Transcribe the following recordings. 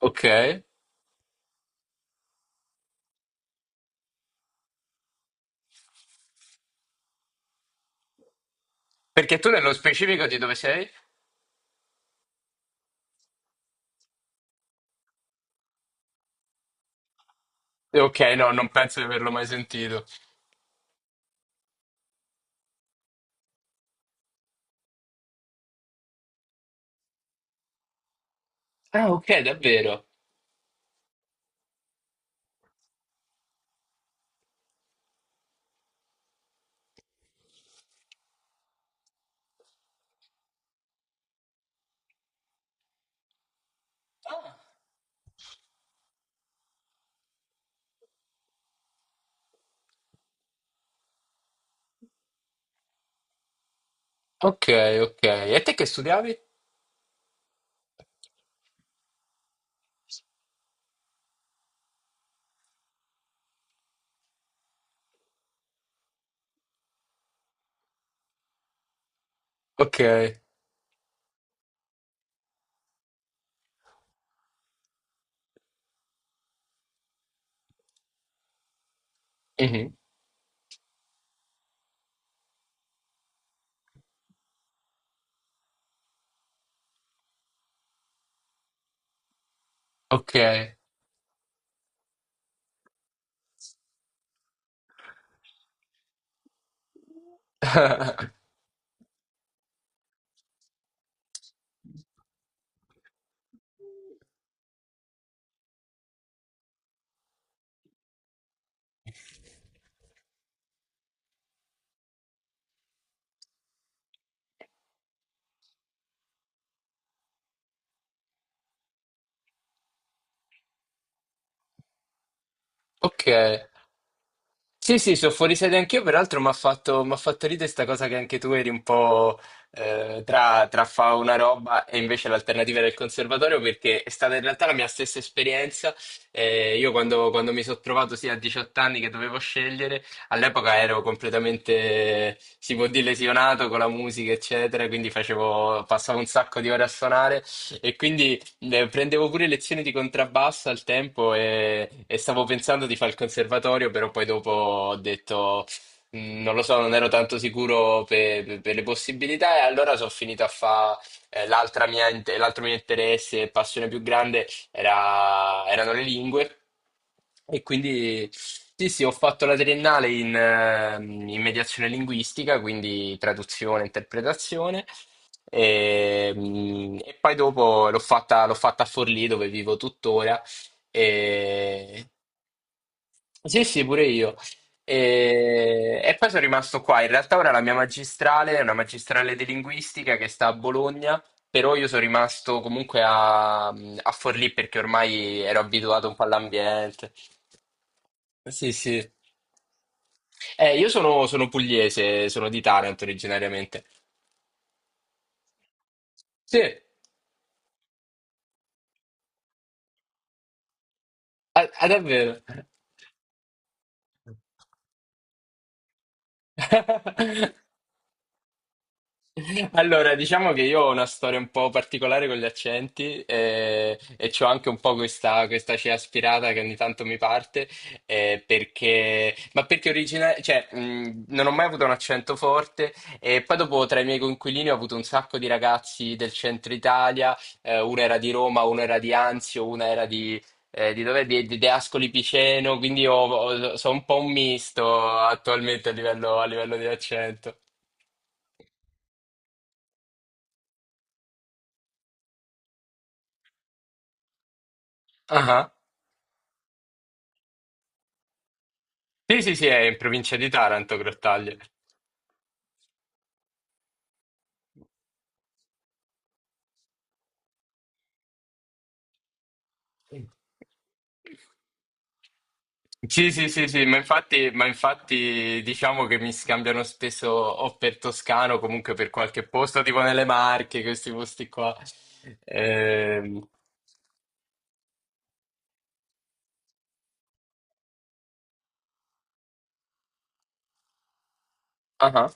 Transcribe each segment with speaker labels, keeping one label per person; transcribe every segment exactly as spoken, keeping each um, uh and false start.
Speaker 1: Ok. Perché tu nello specifico di dove sei? Ok, no, non penso di averlo mai sentito. Ah, ok, davvero. Ah. Ok, ok. E te che studiavi? Ok. Mhm. Ok. Ok. Sì, sì, sono fuori sede anch'io, peraltro mi ha fatto, m'ha fatto ridere sta cosa che anche tu eri un po' eh, tra, tra fa una roba e invece l'alternativa del conservatorio, perché è stata in realtà la mia stessa esperienza. Eh, io quando, quando mi sono trovato sia a diciotto anni che dovevo scegliere, all'epoca ero completamente, si può dire, lesionato con la musica, eccetera, quindi facevo, passavo un sacco di ore a suonare e quindi eh, Prendevo pure lezioni di contrabbasso al tempo e, e stavo pensando di fare il conservatorio, però poi dopo ho detto, "Mm, non lo so, non ero tanto sicuro per, per- per le possibilità e allora sono finito a fare l'altra mia, inte- l'altro mio interesse e passione più grande era- erano le lingue. E quindi sì, sì, ho fatto la triennale in, ehm, in mediazione linguistica, quindi traduzione, interpretazione. E, mm, e poi dopo l'ho fatta, l'ho fatta a Forlì dove vivo tuttora. E... Sì, sì, pure io. E... e poi sono rimasto qua. In realtà ora la mia magistrale è una magistrale di linguistica che sta a Bologna, però io sono rimasto comunque a, a Forlì perché ormai ero abituato un po' all'ambiente. Sì, sì. Eh, io sono, sono pugliese, sono di Taranto originariamente. Sì, ah, ah, davvero. Allora, diciamo che io ho una storia un po' particolare con gli accenti eh, e, c'ho anche un po' questa, questa cea aspirata che ogni tanto mi parte, eh, perché, ma perché origina- cioè, mh, non ho mai avuto un accento forte e poi dopo tra i miei coinquilini ho avuto un sacco di ragazzi del centro Italia, eh, uno era di Roma, uno era di Anzio, uno era di... eh, di dove? Di, di- di Ascoli Piceno, quindi ho- ho- sono un po' un misto attualmente a livello, a livello di accento. Ah. Sì, sì, sì, è in provincia di Taranto, Grottaglie. Sì, sì, sì, sì, ma infatti, ma infatti diciamo che mi scambiano spesso o per Toscano, comunque per qualche posto, tipo nelle Marche, questi posti qua. Ehm, ah,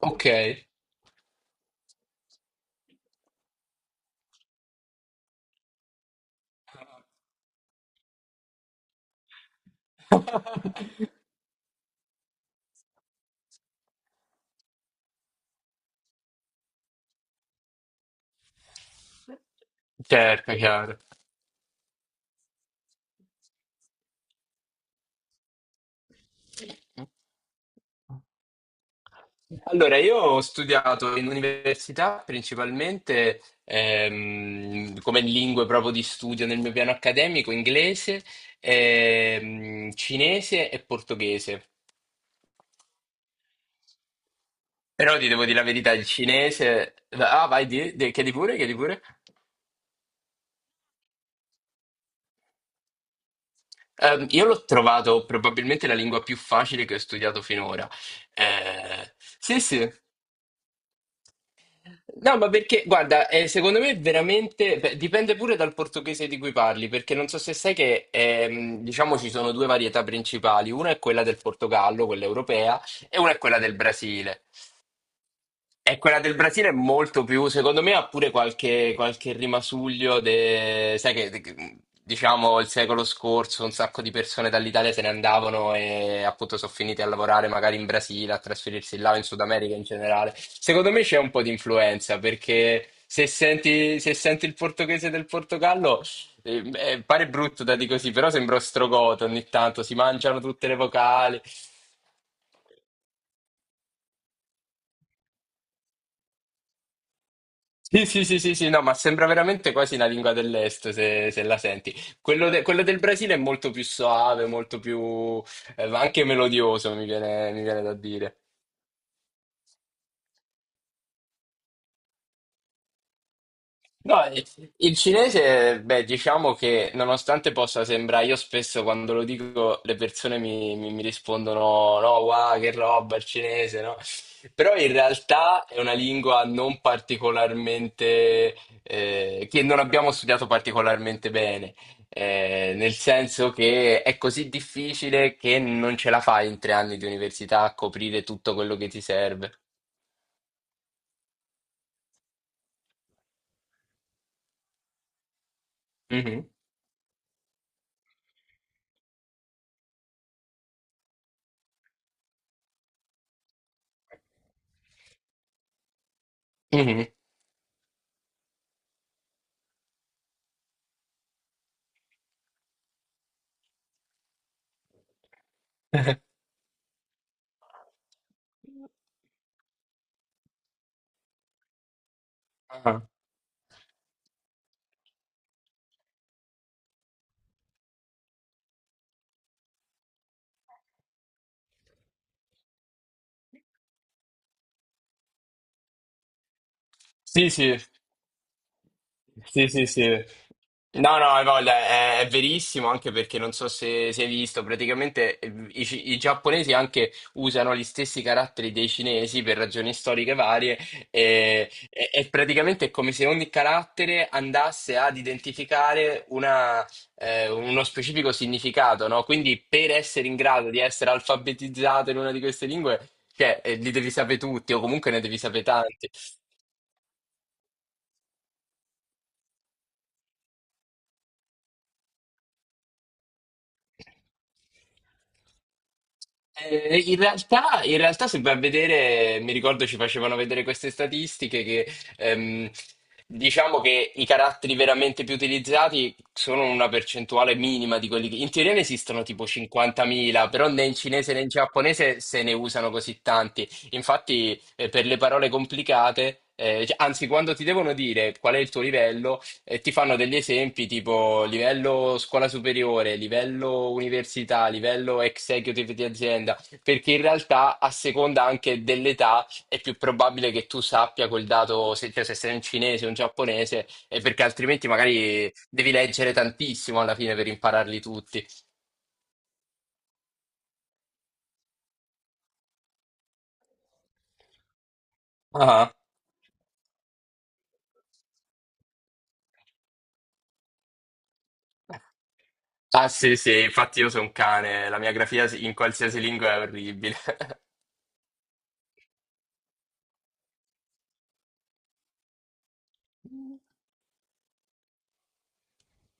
Speaker 1: Ok. Certo, chiaro. Allora, io ho studiato in università principalmente ehm, come lingue proprio di studio nel mio piano accademico, inglese, ehm, cinese e portoghese. Però ti devo dire la verità, il cinese... Ah, vai, di, di- chiedi pure, chiedi pure. Ehm, io l'ho trovato probabilmente la lingua più facile che ho studiato finora. Eh, sì, sì. No, ma perché, guarda, eh, secondo me veramente beh, dipende pure dal portoghese di cui parli, perché non so se sai che ehm, diciamo ci sono due varietà principali, una è quella del Portogallo, quella europea, e una è quella del Brasile. E quella del Brasile è molto più, secondo me ha pure qualche, qualche rimasuglio, de- sai che de- diciamo il secolo scorso un sacco di persone dall'Italia se ne andavano e appunto sono finite a lavorare magari in Brasile, a trasferirsi là in Sud America in generale. Secondo me c'è un po' di influenza perché se senti, se senti il portoghese del Portogallo eh, eh, pare brutto da dire così, però sembra ostrogoto ogni tanto, si mangiano tutte le vocali. Sì, sì, sì, sì, sì, no, ma sembra veramente quasi una lingua dell'est se, se la senti. Quello, de- quello del Brasile è molto più soave, molto più, eh, anche melodioso, mi viene mi viene da dire. No, eh, il cinese, beh, diciamo che nonostante possa sembrare, io spesso quando lo dico le persone mi, mi- mi rispondono, no, wow, che roba il cinese, no? Però in realtà è una lingua non particolarmente, eh, che non abbiamo studiato particolarmente bene, eh, nel senso che è così difficile che non ce la fai in tre anni di università a coprire tutto quello che ti serve. Mhm, mhm. Ah. Sì, sì, Sì, sì, sì. No, no, hai voglia, è, è verissimo anche perché non so se, se hai visto, praticamente eh, i, ci- i giapponesi anche usano gli stessi caratteri dei cinesi per ragioni storiche varie e, e- e praticamente è come se ogni carattere andasse ad identificare una, eh, uno specifico significato, no? Quindi per essere in grado di essere alfabetizzato in una di queste lingue, cioè, eh, li devi sapere tutti o comunque ne devi sapere tanti. Eh, in realtà, in realtà, se vai a vedere, mi ricordo ci facevano vedere queste statistiche che ehm, diciamo che i caratteri veramente più utilizzati sono una percentuale minima di quelli che in teoria ne esistono tipo cinquantamila, però né in cinese né in giapponese se ne usano così tanti. Infatti, eh, per le parole complicate, eh, cioè, anzi, quando ti devono dire qual è il tuo livello. E ti fanno degli esempi tipo livello scuola superiore, livello università, livello executive di azienda, perché in realtà a seconda anche dell'età è più probabile che tu sappia quel dato, se, cioè, se sei un cinese o un giapponese, e perché altrimenti magari devi leggere tantissimo alla fine per impararli tutti. Ah, ah sì, sì, infatti io sono un cane, la mia grafia in qualsiasi lingua è orribile.